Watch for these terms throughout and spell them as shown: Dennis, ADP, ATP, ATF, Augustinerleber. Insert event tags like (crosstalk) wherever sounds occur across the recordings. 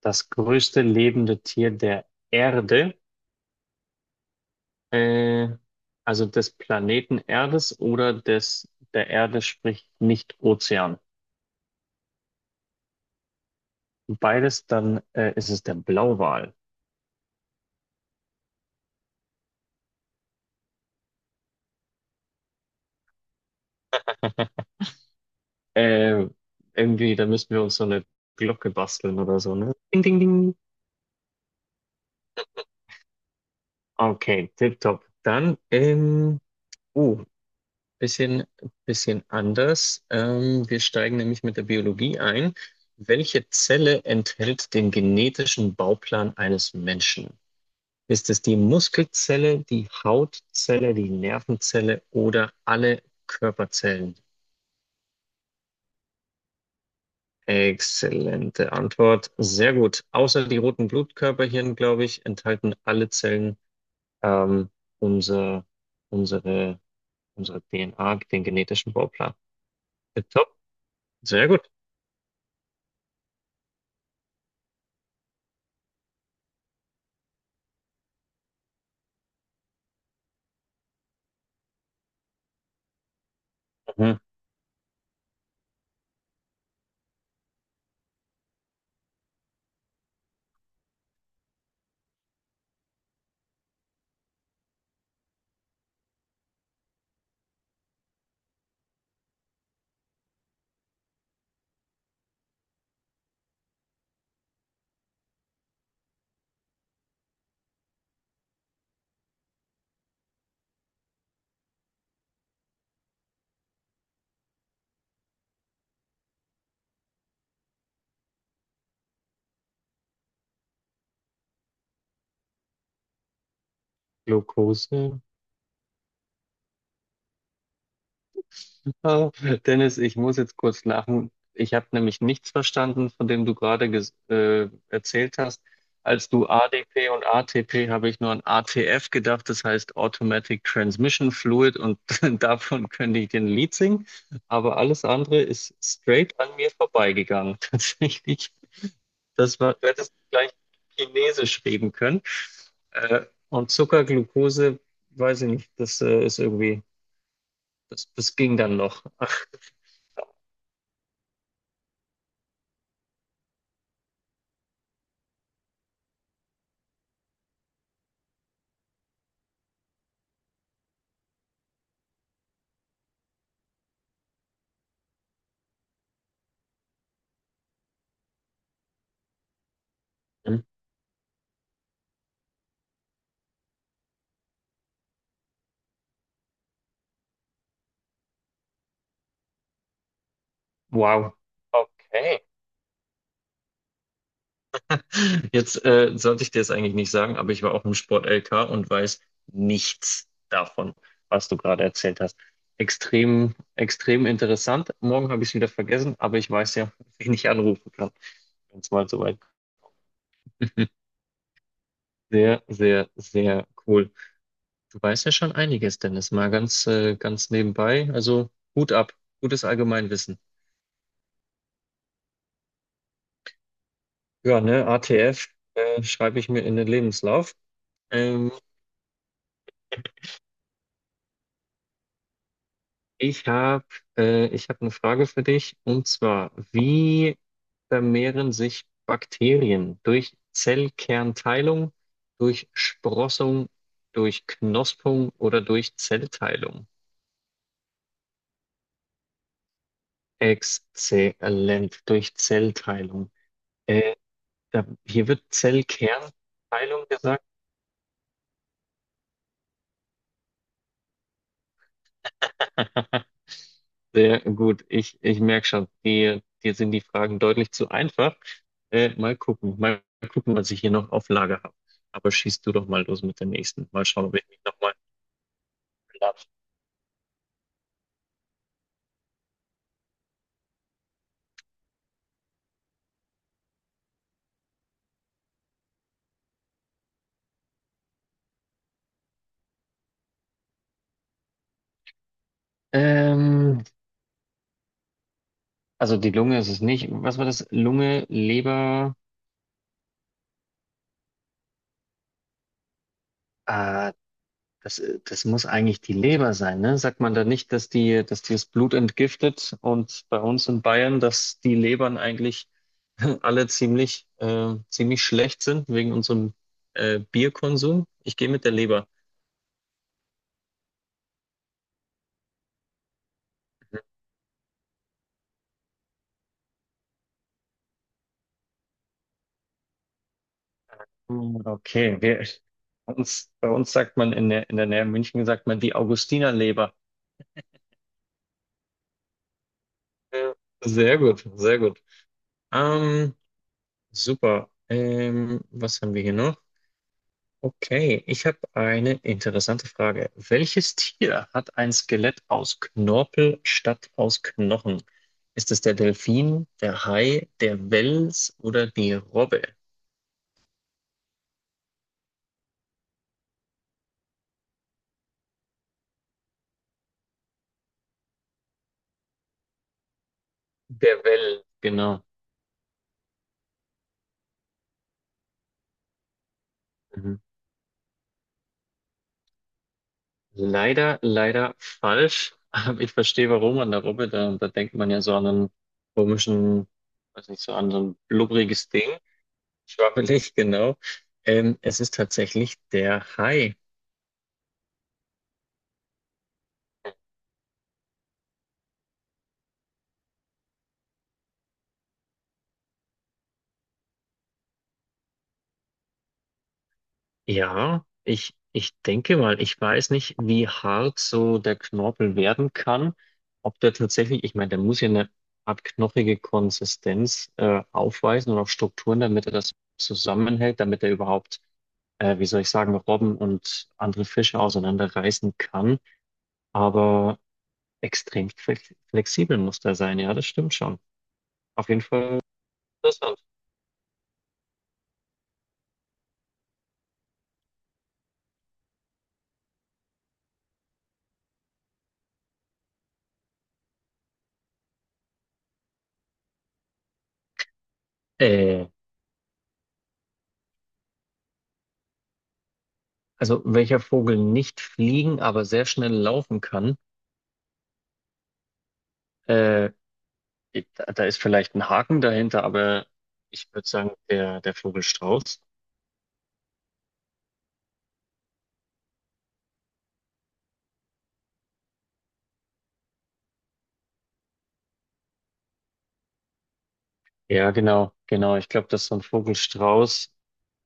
Das größte lebende Tier der Erde, äh, also des Planeten Erdes oder des der Erde, sprich nicht Ozean. Beides, dann ist es der Blauwal. Äh, irgendwie, da müssten wir uns so eine Glocke basteln oder so, ne? Ding, ding, ding. Okay, tipptopp. Dann, uh, bisschen, bisschen anders. Wir steigen nämlich mit der Biologie ein. Welche Zelle enthält den genetischen Bauplan eines Menschen? Ist es die Muskelzelle, die Hautzelle, die Nervenzelle oder alle Körperzellen? Exzellente Antwort. Sehr gut. Außer die roten Blutkörperchen, glaube ich, enthalten alle Zellen ähm, unser, unsere, unsere DNA, den genetischen Bauplan. Top. Sehr gut. Mhm. Glucose. (laughs) Oh, Dennis, ich muss jetzt kurz lachen. Ich habe nämlich nichts verstanden, von dem du gerade erzählt hast. Als du ADP und ATP habe ich nur an ATF gedacht, das heißt Automatic Transmission Fluid und (laughs) davon könnte ich den Lied singen. Aber alles andere ist straight an mir vorbeigegangen. (laughs) Tatsächlich, das war, du hättest gleich Chinesisch reden können. Und Zucker, Glucose, weiß ich nicht, das ist irgendwie, das ging dann noch. (laughs) Wow. Okay. Jetzt sollte ich dir das eigentlich nicht sagen, aber ich war auch im Sport LK und weiß nichts davon, was du gerade erzählt hast. Extrem, extrem interessant. Morgen habe ich es wieder vergessen, aber ich weiß ja, wen ich anrufen kann, wenn es mal soweit kommt. (laughs) Sehr, sehr, sehr cool. Du weißt ja schon einiges, Dennis, mal ganz, ganz nebenbei. Also Hut ab, gutes Allgemeinwissen. Ja, ne, ATF schreibe ich mir in den Lebenslauf. Ähm, Ich habe ich hab eine Frage für dich und zwar, wie vermehren sich Bakterien durch Zellkernteilung, durch Sprossung, durch Knospung oder durch Zellteilung? Exzellent, durch Zellteilung. Äh, Da, hier wird Zellkernteilung gesagt. (laughs) Sehr gut. Ich merke schon, dir sind die Fragen deutlich zu einfach. Mal gucken, was ich hier noch auf Lager habe. Aber schießt du doch mal los mit der nächsten. Mal schauen, ob ich mich nochmal bedarf. Ähm, also die Lunge ist es nicht. Was war das? Lunge, Leber. Äh, Das, das muss eigentlich die Leber sein, ne? Sagt man da nicht, dass die das Blut entgiftet und bei uns in Bayern, dass die Lebern eigentlich (laughs) alle ziemlich, ziemlich schlecht sind wegen unserem Bierkonsum? Ich gehe mit der Leber. Hm, okay, bei uns sagt man in der Nähe München sagt man die Augustinerleber. Ja. Sehr gut, sehr gut. Ähm, super. Was haben wir hier noch? Okay, ich habe eine interessante Frage. Welches Tier hat ein Skelett aus Knorpel statt aus Knochen? Ist es der Delfin, der Hai, der Wels oder die Robbe? Der Well, genau. Mhm. Leider, leider falsch. Aber ich verstehe, warum an der Robbe. Da denkt man ja so an einen komischen, weiß nicht, so an so ein blubberiges Ding. Schwabbelig, genau. Es ist tatsächlich der Hai. Ja, ich denke mal, ich weiß nicht, wie hart so der Knorpel werden kann. Ob der tatsächlich, ich meine, der muss ja eine Art knochige Konsistenz aufweisen und auch Strukturen, damit er das zusammenhält, damit er überhaupt, wie soll ich sagen, Robben und andere Fische auseinanderreißen kann. Aber extrem flexibel muss der sein, ja, das stimmt schon. Auf jeden Fall interessant. Äh, also welcher Vogel nicht fliegen, aber sehr schnell laufen kann. Äh, da ist vielleicht ein Haken dahinter, aber ich würde sagen, der Vogelstrauß. Ja, genau, genau. Ich glaube, dass so ein Vogelstrauß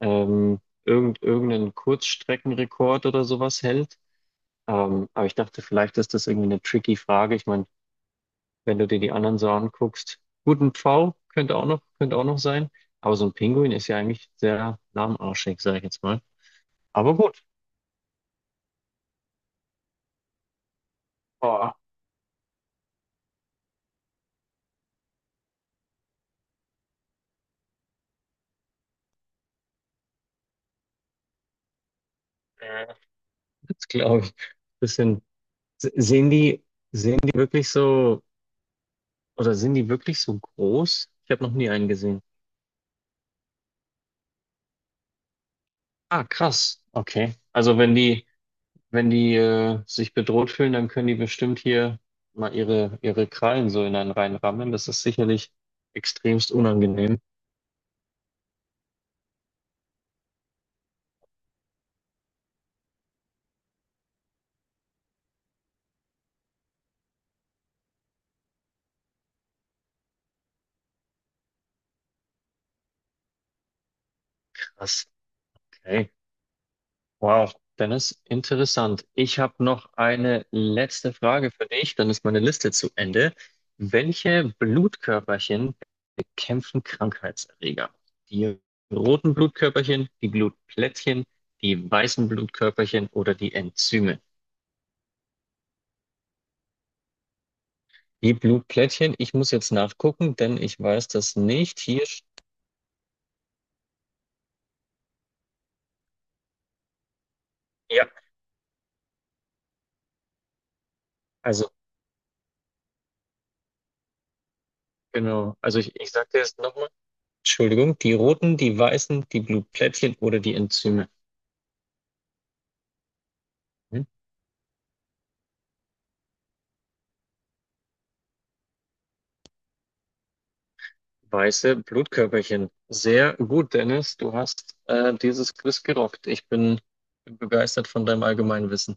ähm, irgendeinen Kurzstreckenrekord oder sowas hält. Aber ich dachte, vielleicht ist das irgendwie eine tricky Frage. Ich meine, wenn du dir die anderen so anguckst, gut, ein Pfau könnte auch könnte auch noch sein. Aber so ein Pinguin ist ja eigentlich sehr lahmarschig, sage ich jetzt mal. Aber gut, boah, äh, das glaube ich. Bisschen, sehen die, die wirklich so. Oder sind die wirklich so groß? Ich habe noch nie einen gesehen. Ah, krass. Okay. Also wenn die, wenn die sich bedroht fühlen, dann können die bestimmt hier mal ihre Krallen so in einen reinrammen. Das ist sicherlich extremst unangenehm. Krass. Okay. Wow, Dennis, interessant. Ich habe noch eine letzte Frage für dich, dann ist meine Liste zu Ende. Welche Blutkörperchen bekämpfen Krankheitserreger? Die roten Blutkörperchen, die Blutplättchen, die weißen Blutkörperchen oder die Enzyme? Die Blutplättchen, ich muss jetzt nachgucken, denn ich weiß das nicht. Ja, also genau, ich sage dir jetzt nochmal, Entschuldigung, die roten, die weißen, die Blutplättchen oder die Enzyme. Hm? Weiße Blutkörperchen. Sehr gut, Dennis. Du hast dieses Quiz gerockt. Bin begeistert von deinem allgemeinen Wissen.